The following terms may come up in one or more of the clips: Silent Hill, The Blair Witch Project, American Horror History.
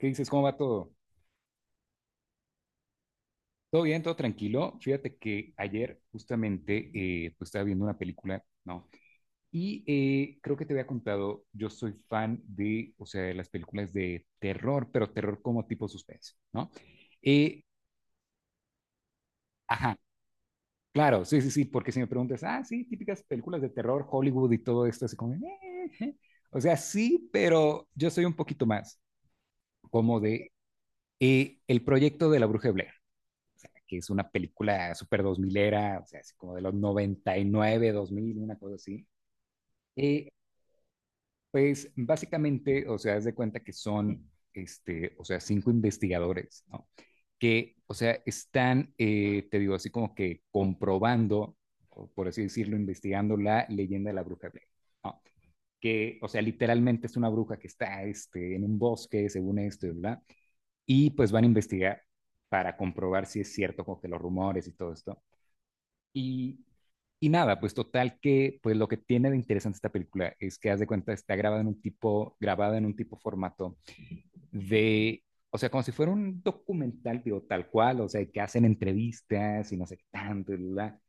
¿Qué dices? ¿Cómo va todo? Todo bien, todo tranquilo. Fíjate que ayer justamente pues estaba viendo una película, ¿no? Y creo que te había contado, yo soy fan de, o sea, de las películas de terror, pero terror como tipo suspense, ¿no? Eh, ajá, claro, sí, sí, sí, porque si me preguntas, ah, sí, típicas películas de terror, Hollywood y todo esto, así como, o sea, sí, pero yo soy un poquito más como de el proyecto de la Bruja de Blair. Que es una película súper 2000 era, o sea, así como de los 99, 2000 una cosa así. Y pues básicamente, o sea, haz de cuenta que son, este, o sea, cinco investigadores, ¿no? Que, o sea, están, te digo, así como que comprobando, o por así decirlo, investigando la leyenda de la bruja Blair, ¿no? Que, o sea, literalmente es una bruja que está este, en un bosque, según esto, ¿verdad? Y pues van a investigar para comprobar si es cierto como que los rumores y todo esto. Y Y nada, pues total que pues lo que tiene de interesante esta película es que haz de cuenta está grabada en un tipo formato de o sea, como si fuera un documental, digo, tal cual, o sea, que hacen entrevistas y no sé qué tanto, y bla,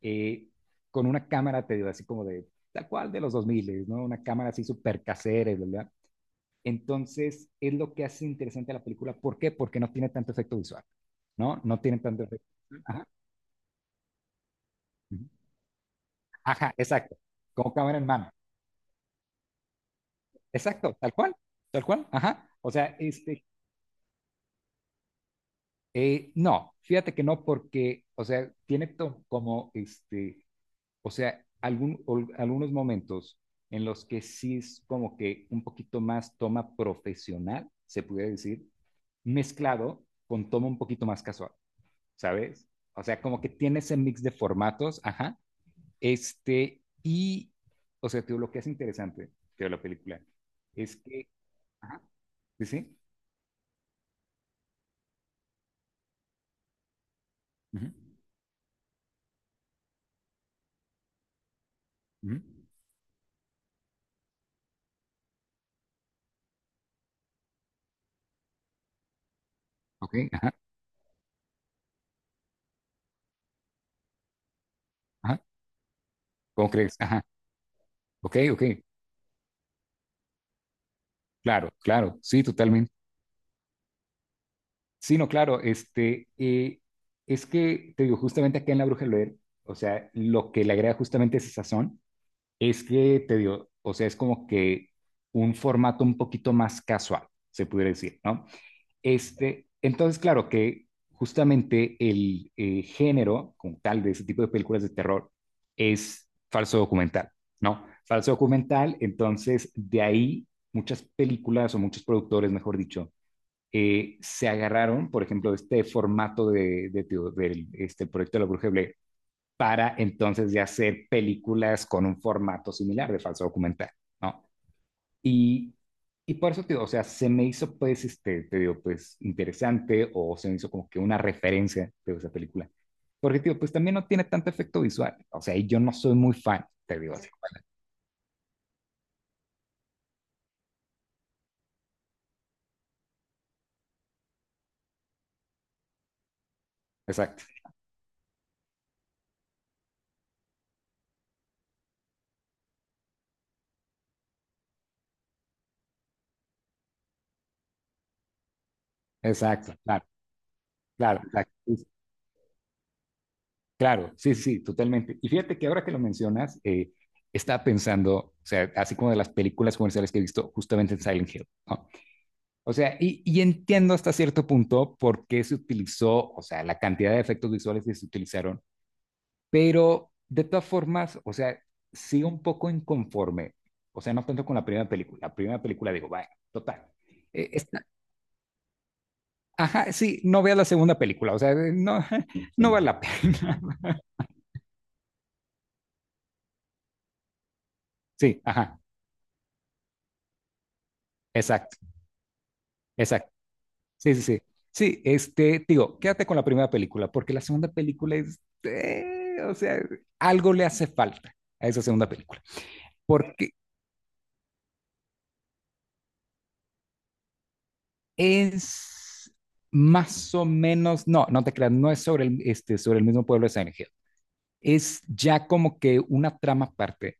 eh, con una cámara, te digo, así como de, tal cual de los 2000, ¿no? Una cámara así súper casera, y bla, bla. Entonces, es lo que hace interesante a la película. ¿Por qué? Porque no tiene tanto efecto visual, ¿no? No tiene tanto efecto. Ajá, ujú. Ajá, exacto. Como cámara en mano. Exacto, tal cual, ajá. O sea, este, no, fíjate que no, porque, o sea, como, este, o sea, algunos momentos en los que sí es como que un poquito más toma profesional, se pudiera decir, mezclado con toma un poquito más casual, ¿sabes? O sea, como que tiene ese mix de formatos, ajá. Este, y, o sea, te digo, lo que es interesante de la película es que, ajá, sí, sí. Ujú. Ujú. Ok, ajá, ajá. ¿Cómo crees? Ajá. Ok, ok. Claro, claro. Sí, totalmente. Sí, no, claro. Este, es que te digo, justamente acá en La Bruja del Oer, o sea, lo que le agrega justamente ese sazón es que te digo, o sea, es como que un formato un poquito más casual, se pudiera decir, ¿no? Este, entonces, claro que justamente el género, como tal, de ese tipo de películas de terror es falso documental, ¿no? Falso documental, entonces de ahí muchas películas o muchos productores, mejor dicho, se agarraron, por ejemplo, de este formato de este proyecto de la Bruja de Blair para entonces de hacer películas con un formato similar de falso documental, ¿no? Y y por eso te digo, o sea, se me hizo pues, este, te digo, pues interesante o se me hizo como que una referencia de esa película. Porque, tío, pues también no tiene tanto efecto visual. O sea, y yo no soy muy fan, te digo así. Exacto, exacto, claro, claro, exacto. Sí, claro, sí, sí, totalmente. Y fíjate que ahora que lo mencionas, estaba pensando, o sea, así como de las películas comerciales que he visto justamente en Silent Hill, ¿no? O sea, y entiendo hasta cierto punto por qué se utilizó, o sea, la cantidad de efectos visuales que se utilizaron. Pero de todas formas, o sea, sí un poco inconforme. O sea, no tanto con la primera película. La primera película digo, vaya, total. eh, está- ajá, sí, no veas la segunda película. O sea, no, no vale la pena. Sí, ajá, exacto, exacto. Sí, sí, sí. Sí, este, digo, quédate con la primera película, porque la segunda película es, o sea, algo le hace falta a esa segunda película. Porque es más o menos, no, no te creas, no es sobre el, este, sobre el mismo pueblo de Silent Hill. Es ya como que una trama aparte.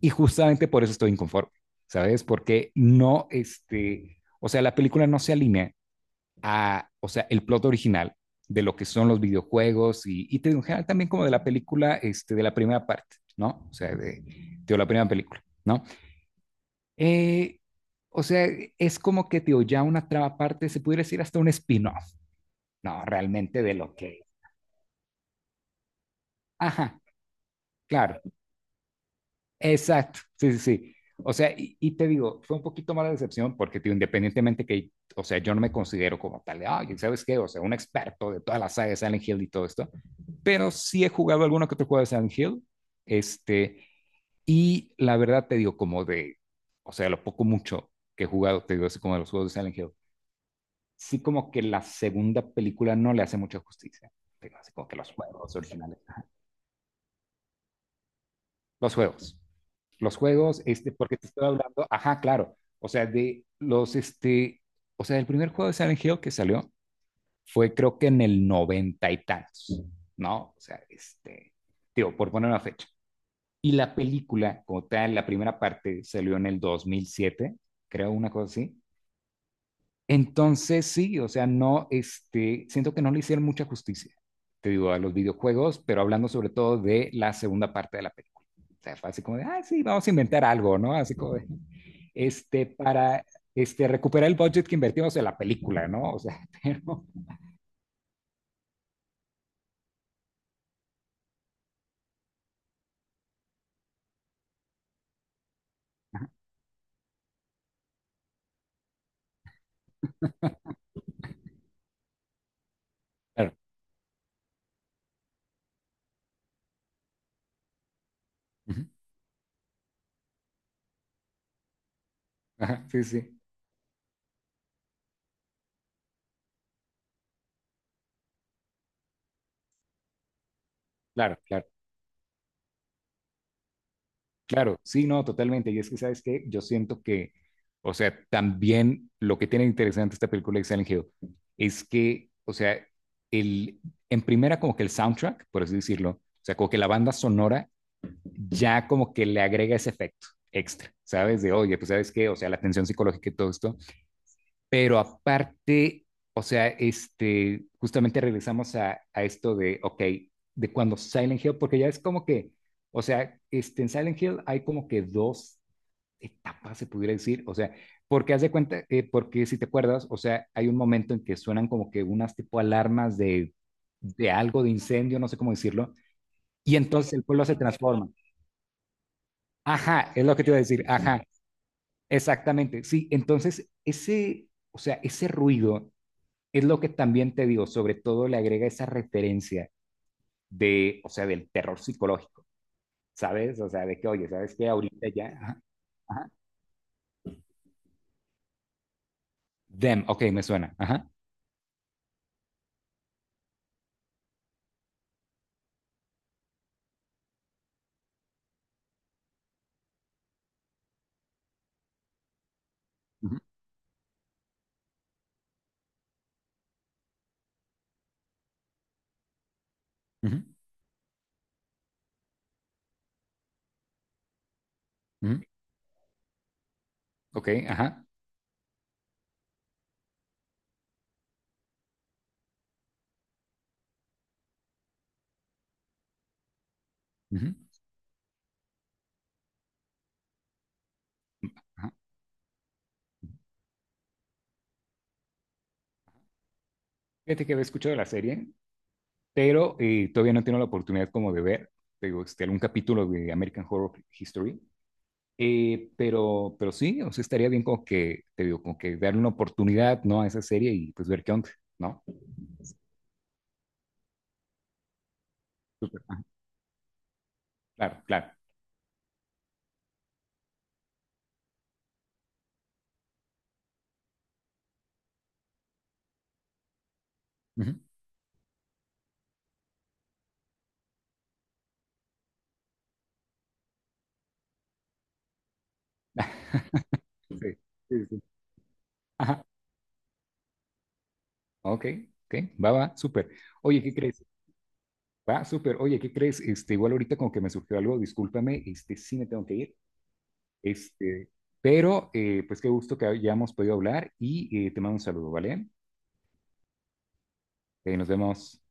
Y justamente por eso estoy inconforme, ¿sabes? Porque no, este, o sea, la película no se alinea a, o sea, el plot original de lo que son los videojuegos y te digo, en general también como de la película, este, de la primera parte, ¿no? O sea, de la primera película, ¿no? Eh, o sea, es como que, tío, ya una trama aparte, se pudiera decir hasta un spin-off, no, realmente de lo que. Ajá, claro, exacto, sí, sí, sí. O sea, y te digo, fue un poquito mala decepción porque, tío, independientemente que, o sea, yo no me considero como tal de, ay, ¿sabes qué? O sea, un experto de toda la saga de Silent Hill y todo esto, pero sí he jugado alguno que otro juego de Silent Hill, este, y la verdad te digo, como de, o sea, lo poco mucho que he jugado, te digo, así como de los juegos de Silent Hill, sí como que la segunda película no le hace mucha justicia, te digo, así como que los juegos originales, ajá, los juegos. Los juegos, este, porque te estoy hablando, ajá, claro, o sea, de los, este, o sea, el primer juego de Silent Hill que salió fue creo que en el noventa y tantos, ¿no? O sea, este, digo, por poner una fecha. Y la película, como tal, la primera parte salió en el 2007 creo, una cosa así, entonces, sí, o sea, no, este, siento que no le hicieron mucha justicia, te digo, a los videojuegos, pero hablando sobre todo de la segunda parte de la película. O sea, fue así como de, ah, sí, vamos a inventar algo, ¿no? Así como de, este, para, este, recuperar el budget que invertimos en la película, ¿no? O sea, pero, claro. Ujú. Ajá, sí, sí, claro, claro. Claro, sí, no, totalmente. Y es que, ¿sabes qué? Yo siento que, o sea, también lo que tiene de interesante esta película de Silent Hill es que, o sea, el, en primera como que el soundtrack, por así decirlo, o sea, como que la banda sonora ya como que le agrega ese efecto extra, ¿sabes? De, oye, pues, ¿sabes qué? O sea, la tensión psicológica y todo esto pero aparte, o sea, este, justamente regresamos a esto de, ok, de cuando Silent Hill, porque ya es como que, o sea, este, en Silent Hill hay como que dos etapas, se pudiera decir, o sea, porque haz de cuenta, porque si te acuerdas, o sea, hay un momento en que suenan como que unas tipo alarmas de algo, de incendio, no sé cómo decirlo, y entonces el pueblo se transforma. Ajá, es lo que te iba a decir, ajá, exactamente, sí, entonces ese, o sea, ese ruido es lo que también te digo, sobre todo le agrega esa referencia de, o sea, del terror psicológico, ¿sabes? O sea, de que, oye, ¿sabes qué? Ahorita ya, ajá, ajá. Them, ok, me suena, ajá, ujú, ujú, ujú, ok, ajá, ujú, ajá. Fíjate que había escuchado la serie, pero todavía no tengo la oportunidad como de ver, te digo, este, algún capítulo de American Horror History, pero sí, o sea, estaría bien como que, te digo, como que darle una oportunidad, ¿no? A esa serie y pues ver qué onda, ¿no? Súper, ajá, claro, claro. Ujú. Sí, sí, sí. Ajá, ok, ok, va, va, súper. Oye, ¿qué crees? Va, súper. Oye, ¿qué crees? Este, igual ahorita como que me surgió algo, discúlpame, este, sí me tengo que ir, este, pero pues qué gusto que hayamos podido hablar y te mando un saludo, ¿vale? Nos vemos.